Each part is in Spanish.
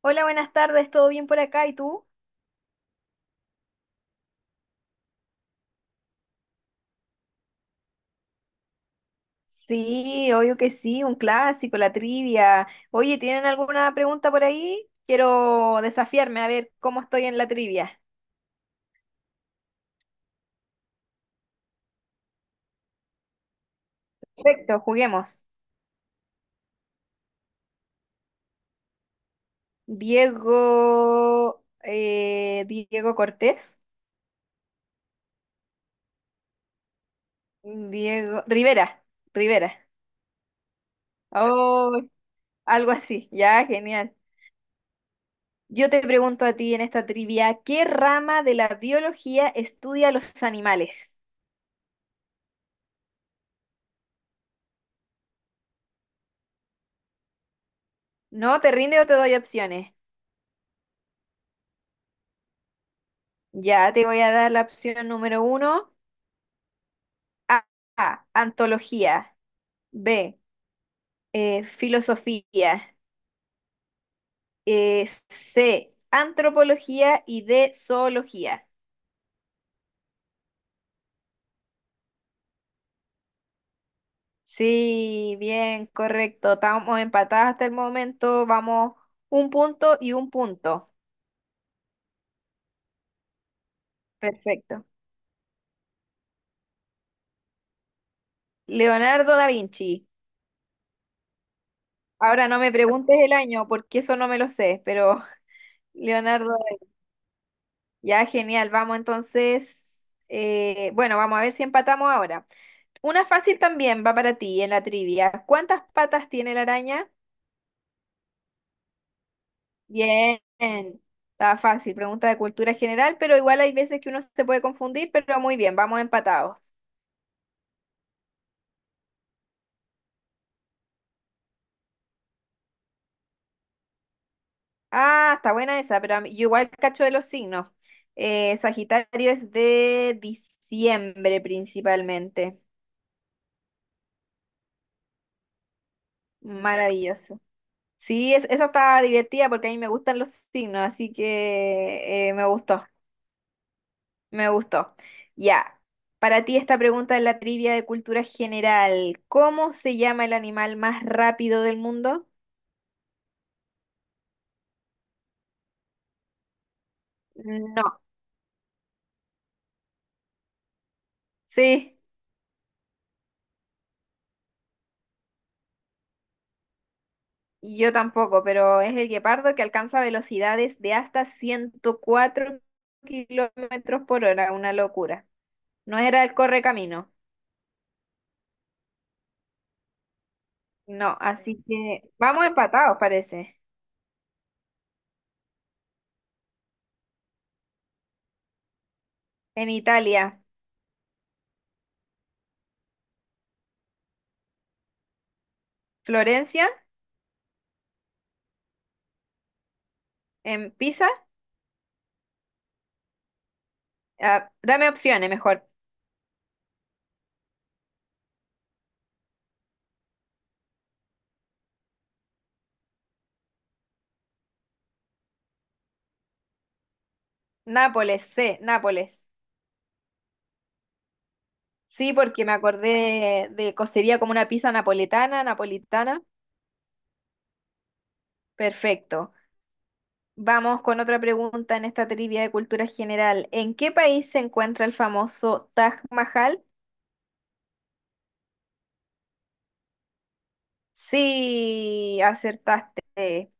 Hola, buenas tardes, ¿todo bien por acá? ¿Y tú? Sí, obvio que sí, un clásico, la trivia. Oye, ¿tienen alguna pregunta por ahí? Quiero desafiarme a ver cómo estoy en la trivia. Perfecto, juguemos. Diego Cortés, Diego Rivera, Rivera. Oh, algo así, ya, genial. Yo te pregunto a ti en esta trivia, ¿qué rama de la biología estudia los animales? ¿No te rinde o te doy opciones? Ya te voy a dar la opción número uno. A, A, antología. B, filosofía. C, antropología y D, zoología. Sí, bien, correcto. Estamos empatadas hasta el momento. Vamos un punto y un punto. Perfecto. Leonardo da Vinci. Ahora no me preguntes el año porque eso no me lo sé, pero Leonardo, ya genial. Vamos entonces, bueno, vamos a ver si empatamos ahora. Una fácil también va para ti en la trivia. ¿Cuántas patas tiene la araña? Bien, está fácil. Pregunta de cultura general, pero igual hay veces que uno se puede confundir, pero muy bien, vamos empatados. Ah, está buena esa, pero yo igual cacho de los signos. Sagitario es de diciembre principalmente. Maravilloso. Sí, esa está divertida porque a mí me gustan los signos, así que me gustó. Me gustó. Ya, para ti esta pregunta es la trivia de cultura general. ¿Cómo se llama el animal más rápido del mundo? No, sí, y yo tampoco, pero es el guepardo que alcanza velocidades de hasta 104 kilómetros por hora, una locura. No era el correcamino, no, así que vamos empatados, parece. En Italia, Florencia, en Pisa, ah, dame opciones mejor. Nápoles, C, Nápoles. Sí, porque me acordé de cocería como una pizza napoletana, napolitana. Perfecto. Vamos con otra pregunta en esta trivia de cultura general. ¿En qué país se encuentra el famoso Taj Mahal? Sí, acertaste.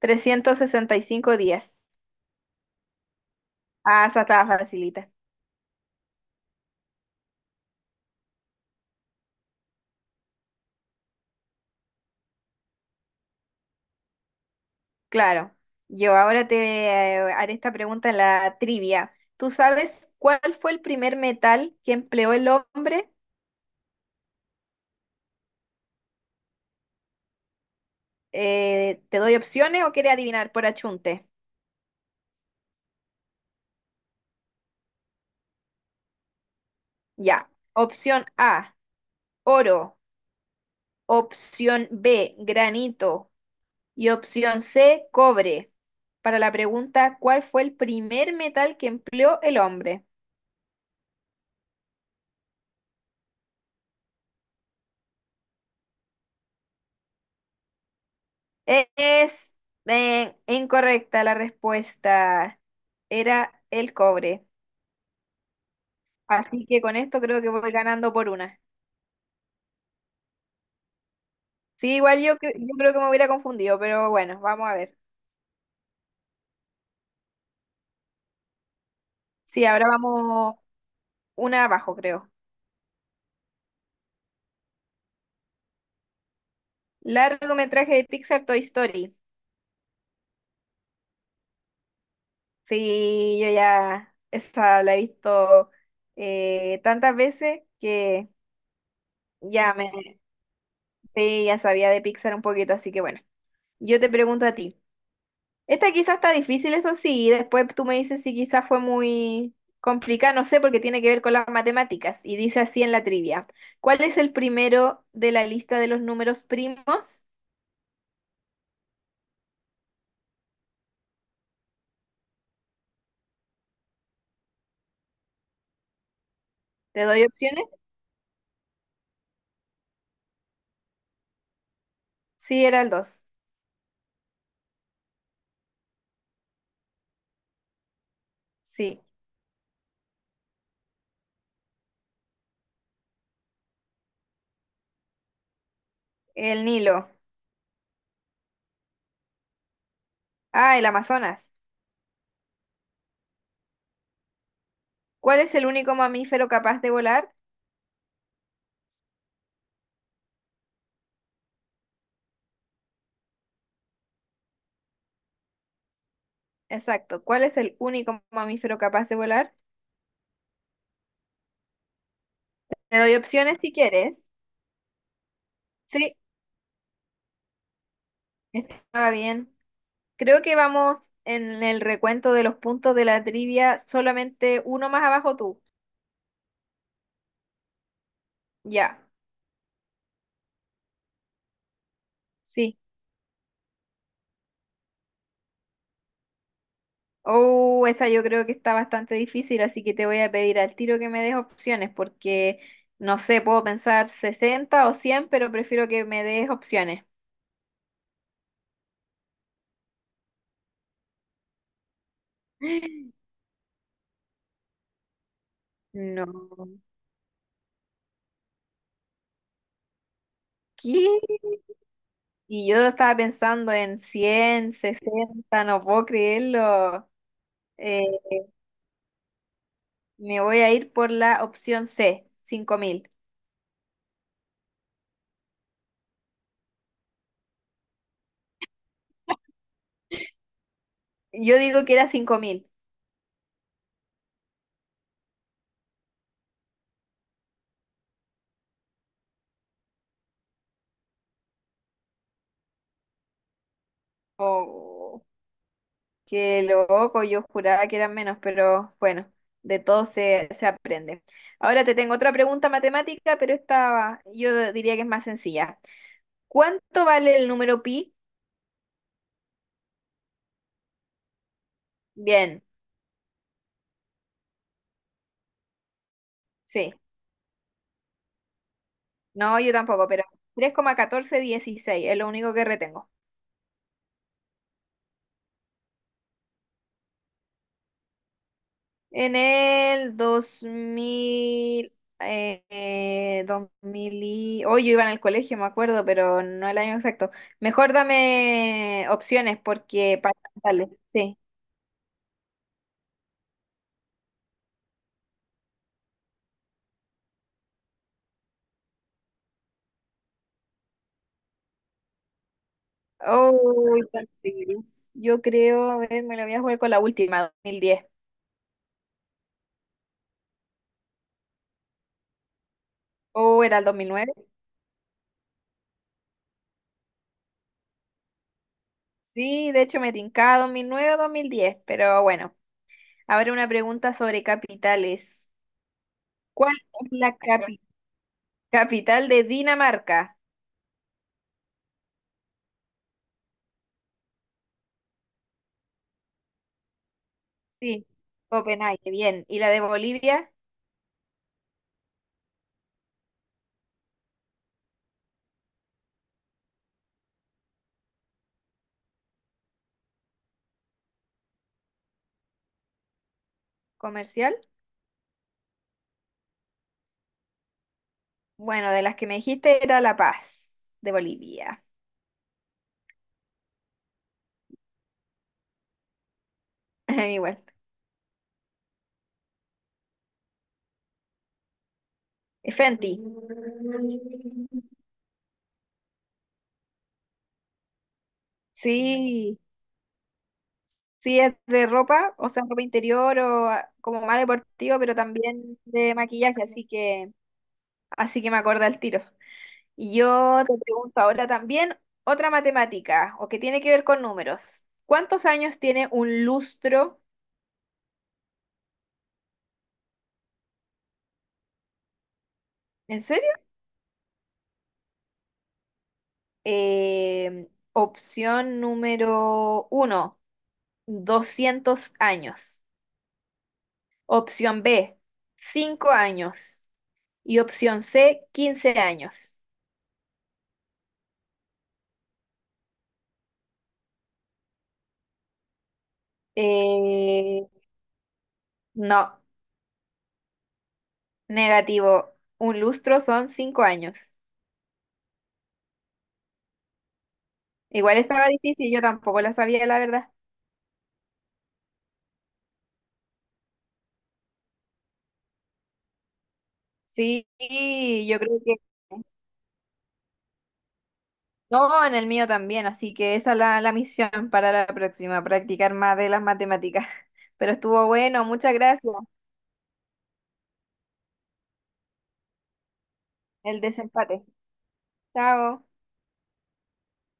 365 días. Ah, esa estaba facilita. Claro. Yo ahora te haré esta pregunta en la trivia. ¿Tú sabes cuál fue el primer metal que empleó el hombre? ¿Te doy opciones o quieres adivinar por achunte? Ya. Opción A, oro. Opción B, granito. Y opción C, cobre. Para la pregunta, ¿cuál fue el primer metal que empleó el hombre? Es incorrecta la respuesta. Era el cobre. Así que con esto creo que voy ganando por una. Sí, igual yo creo que me hubiera confundido, pero bueno, vamos a ver. Sí, ahora vamos una abajo, creo. Largometraje de Pixar Toy Story. Sí, yo ya esa la he visto tantas veces que ya me, sí, ya sabía de Pixar un poquito, así que bueno, yo te pregunto a ti. Esta quizás está difícil, eso sí, y después tú me dices si quizás fue muy complicada, no sé, porque tiene que ver con las matemáticas, y dice así en la trivia. ¿Cuál es el primero de la lista de los números primos? ¿Te doy opciones? Sí, era el dos. Sí, el Nilo. Ah, el Amazonas. ¿Cuál es el único mamífero capaz de volar? Exacto. ¿Cuál es el único mamífero capaz de volar? Te doy opciones si quieres. Sí, estaba bien. Creo que vamos en el recuento de los puntos de la trivia, solamente uno más abajo tú. Ya, sí. Oh, esa yo creo que está bastante difícil, así que te voy a pedir al tiro que me des opciones, porque no sé, puedo pensar 60 o 100, pero prefiero que me des opciones. No. ¿Qué? Y yo estaba pensando en 160, no puedo creerlo. Eh, Me voy a ir por la opción C, 5.000. Yo digo que era 5.000. Oh, qué loco, yo juraba que eran menos, pero bueno, de todo se aprende. Ahora te tengo otra pregunta matemática, pero esta yo diría que es más sencilla. ¿Cuánto vale el número pi? Bien, sí. No, yo tampoco, pero 3,1416 es lo único que retengo. En el 2000, 2000 y... Hoy yo iba en el colegio, me acuerdo, pero no el año exacto. Mejor dame opciones porque para... Dale, sí. Oh entonces, yo creo, a ver, me lo voy a jugar con la última, 2010. ¿O era el 2009? Sí, de hecho me tincaba 2009 o 2010, pero bueno. Ahora una pregunta sobre capitales. ¿Cuál es la capital de Dinamarca? Sí, Copenhague, bien. ¿Y la de Bolivia, comercial? Bueno, de las que me dijiste era La Paz, de Bolivia. Igual. Fenty. Sí, sí es de ropa, o sea, ropa interior o ah, como más deportivo, pero también de maquillaje, así que me acuerdo al tiro. Y yo te pregunto ahora también otra matemática, o que tiene que ver con números. ¿Cuántos años tiene un lustro? ¿En serio? Opción número uno, 200 años. Opción B, 5 años. Y opción C, 15 años. Eh, no, negativo. Un lustro son 5 años. Igual estaba difícil, yo tampoco la sabía, la verdad. Sí, yo creo que... No, en el mío también, así que esa es la misión para la próxima, practicar más de las matemáticas. Pero estuvo bueno, muchas gracias. El desempate. Chao.